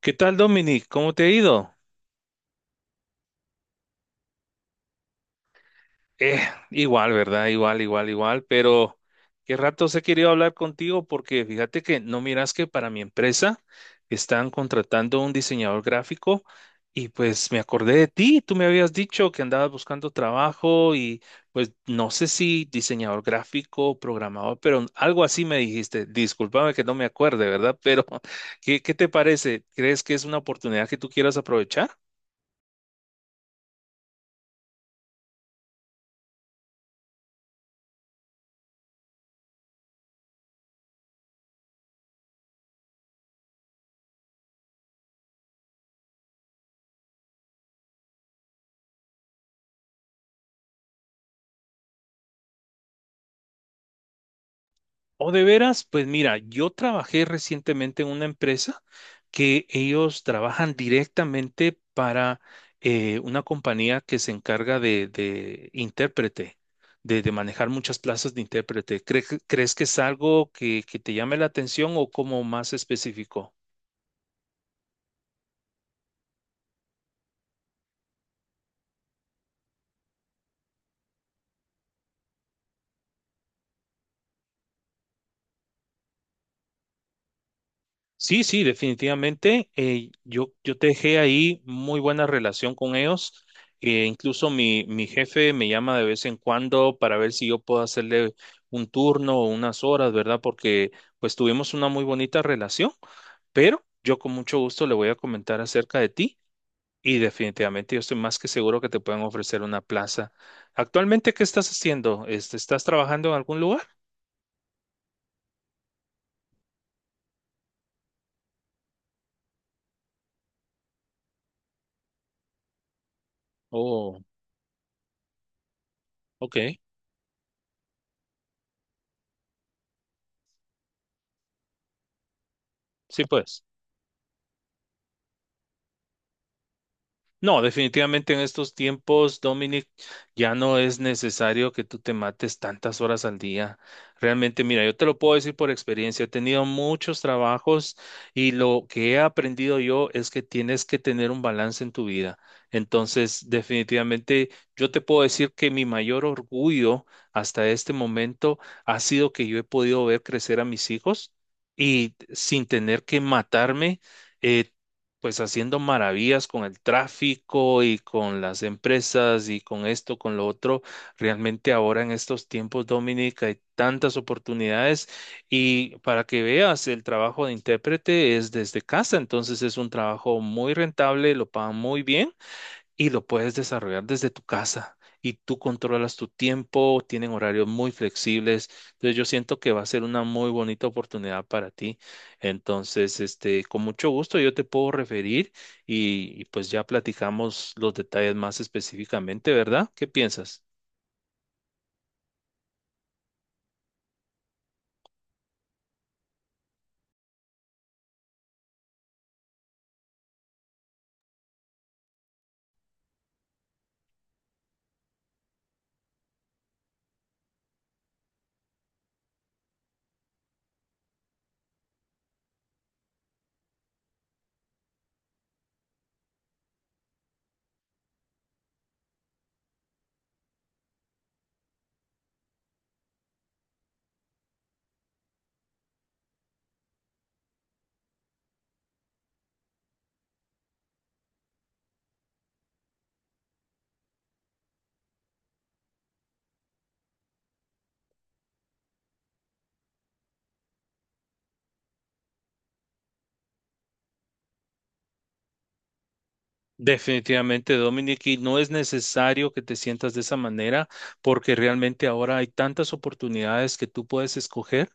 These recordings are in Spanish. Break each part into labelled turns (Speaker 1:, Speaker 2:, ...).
Speaker 1: ¿Qué tal, Dominic? ¿Cómo te ha ido? Eh, igual, ¿verdad? Igual, igual, igual, pero qué rato he querido hablar contigo porque fíjate que no miras que para mi empresa están contratando un diseñador gráfico y pues me acordé de ti, tú me habías dicho que andabas buscando trabajo y pues no sé si diseñador gráfico, programador, pero algo así me dijiste. Discúlpame que no me acuerde, ¿verdad? Pero ¿Qué te parece? ¿Crees que es una oportunidad que tú quieras aprovechar? O de veras, pues mira, yo trabajé recientemente en una empresa que ellos trabajan directamente para una compañía que se encarga de intérprete, de manejar muchas plazas de intérprete. ¿Crees que es algo que te llame la atención o como más específico? Sí, sí, definitivamente. Yo dejé ahí muy buena relación con ellos. Incluso mi jefe me llama de vez en cuando para ver si yo puedo hacerle un turno o unas horas, ¿verdad? Porque pues tuvimos una muy bonita relación, pero yo con mucho gusto le voy a comentar acerca de ti y definitivamente yo estoy más que seguro que te pueden ofrecer una plaza. ¿Actualmente qué estás haciendo? Este, ¿estás trabajando en algún lugar? Oh, ok. Sí, pues. No, definitivamente en estos tiempos, Dominic, ya no es necesario que tú te mates tantas horas al día. Realmente, mira, yo te lo puedo decir por experiencia, he tenido muchos trabajos y lo que he aprendido yo es que tienes que tener un balance en tu vida. Entonces, definitivamente, yo te puedo decir que mi mayor orgullo hasta este momento ha sido que yo he podido ver crecer a mis hijos y sin tener que matarme. eh, pues haciendo maravillas con el tráfico y con las empresas y con esto, con lo otro. Realmente ahora en estos tiempos, Dominica, hay tantas oportunidades y para que veas, el trabajo de intérprete es desde casa, entonces es un trabajo muy rentable, lo pagan muy bien y lo puedes desarrollar desde tu casa y tú controlas tu tiempo, tienen horarios muy flexibles. Entonces yo siento que va a ser una muy bonita oportunidad para ti. Entonces, este, con mucho gusto yo te puedo referir y pues ya platicamos los detalles más específicamente, ¿verdad? ¿Qué piensas? Definitivamente, Dominic, y no es necesario que te sientas de esa manera porque realmente ahora hay tantas oportunidades que tú puedes escoger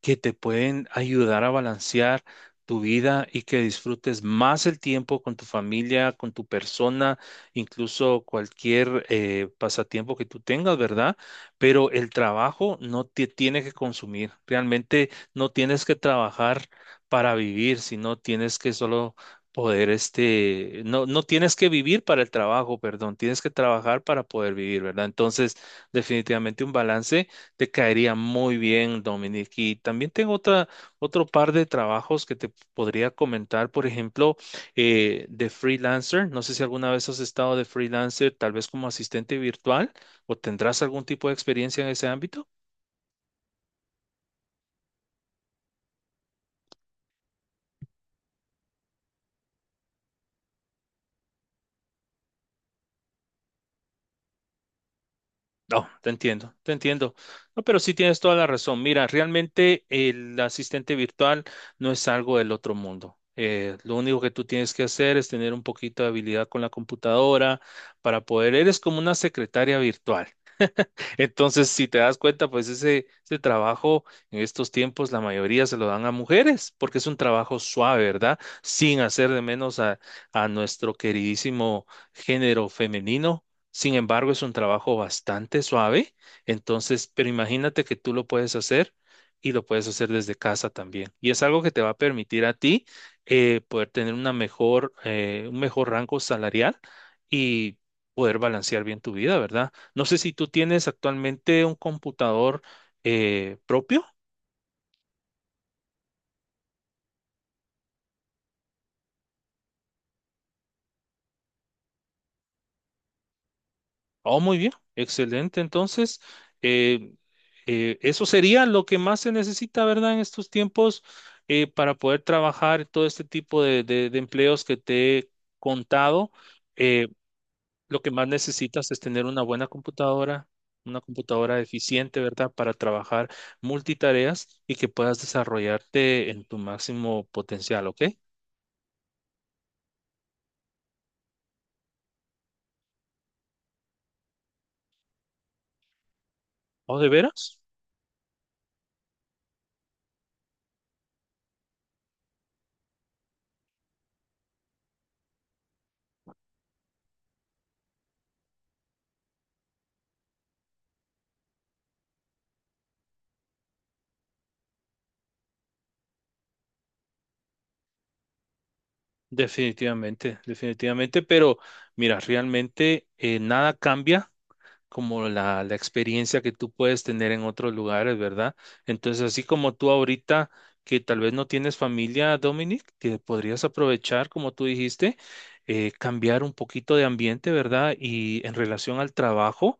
Speaker 1: que te pueden ayudar a balancear tu vida y que disfrutes más el tiempo con tu familia, con tu persona, incluso cualquier pasatiempo que tú tengas, ¿verdad? Pero el trabajo no te tiene que consumir. Realmente no tienes que trabajar para vivir, sino tienes que solo poder, este, no, no tienes que vivir para el trabajo, perdón, tienes que trabajar para poder vivir, ¿verdad? Entonces, definitivamente un balance. Te caería muy bien, Dominic. Y también tengo otra, otro par de trabajos que te podría comentar. Por ejemplo, de freelancer. No sé si alguna vez has estado de freelancer, tal vez como asistente virtual, o tendrás algún tipo de experiencia en ese ámbito. No, te entiendo, te entiendo. No, pero sí tienes toda la razón. Mira, realmente el asistente virtual no es algo del otro mundo. Lo único que tú tienes que hacer es tener un poquito de habilidad con la computadora para poder, eres como una secretaria virtual. Entonces, si te das cuenta, pues ese trabajo en estos tiempos la mayoría se lo dan a mujeres, porque es un trabajo suave, ¿verdad? Sin hacer de menos a nuestro queridísimo género femenino. Sin embargo, es un trabajo bastante suave. Entonces, pero imagínate que tú lo puedes hacer y lo puedes hacer desde casa también. Y es algo que te va a permitir a ti poder tener una mejor, un mejor rango salarial y poder balancear bien tu vida, ¿verdad? No sé si tú tienes actualmente un computador propio. Oh, muy bien, excelente. Entonces, eh, eso sería lo que más se necesita, ¿verdad? En estos tiempos para poder trabajar todo este tipo de empleos que te he contado. Eh, lo que más necesitas es tener una buena computadora, una computadora eficiente, ¿verdad? Para trabajar multitareas y que puedas desarrollarte en tu máximo potencial, ¿ok? ¿O de veras? Definitivamente, definitivamente, pero mira, realmente nada cambia como la experiencia que tú puedes tener en otros lugares, ¿verdad? Entonces, así como tú ahorita, que tal vez no tienes familia, Dominic, que podrías aprovechar, como tú dijiste, cambiar un poquito de ambiente, ¿verdad? Y en relación al trabajo,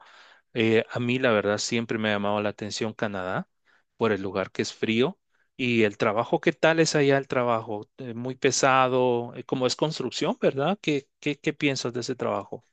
Speaker 1: a mí la verdad siempre me ha llamado la atención Canadá por el lugar que es frío. Y el trabajo, ¿qué tal es allá el trabajo? Muy pesado, como es construcción, ¿verdad? ¿Qué piensas de ese trabajo?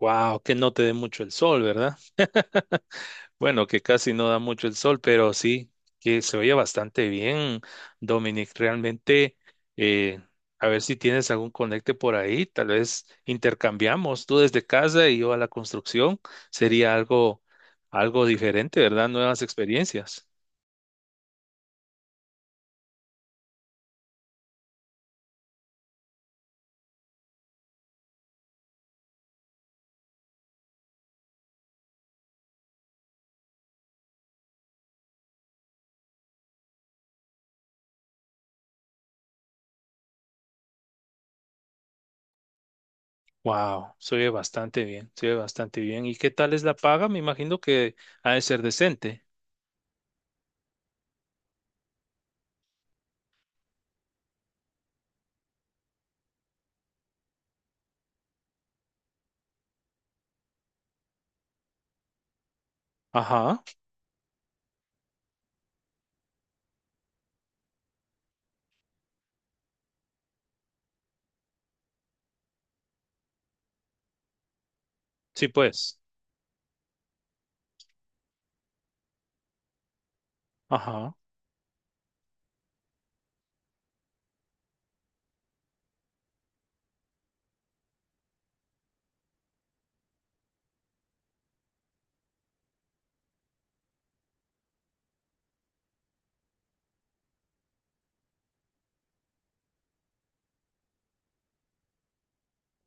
Speaker 1: Wow, que no te dé mucho el sol, ¿verdad? Bueno, que casi no da mucho el sol, pero sí que se oye bastante bien, Dominic. Realmente, eh, a ver si tienes algún conecte por ahí, tal vez intercambiamos tú desde casa y yo a la construcción, sería algo, algo diferente, ¿verdad? Nuevas experiencias. Wow, se oye bastante bien, se oye bastante bien. ¿Y qué tal es la paga? Me imagino que ha de ser decente. Ajá, sí pues, ajá,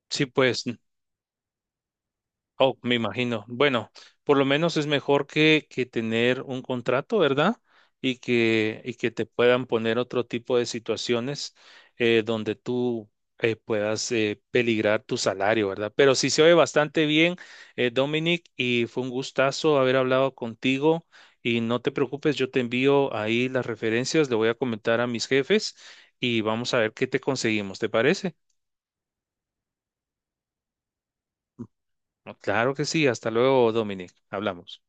Speaker 1: sí pues. Oh, me imagino. Bueno, por lo menos es mejor que tener un contrato, ¿verdad? Y que te puedan poner otro tipo de situaciones donde tú puedas peligrar tu salario, ¿verdad? Pero sí se oye bastante bien, Dominic, y fue un gustazo haber hablado contigo. Y no te preocupes, yo te envío ahí las referencias, le voy a comentar a mis jefes y vamos a ver qué te conseguimos, ¿te parece? No, claro que sí, hasta luego, Dominic. Hablamos.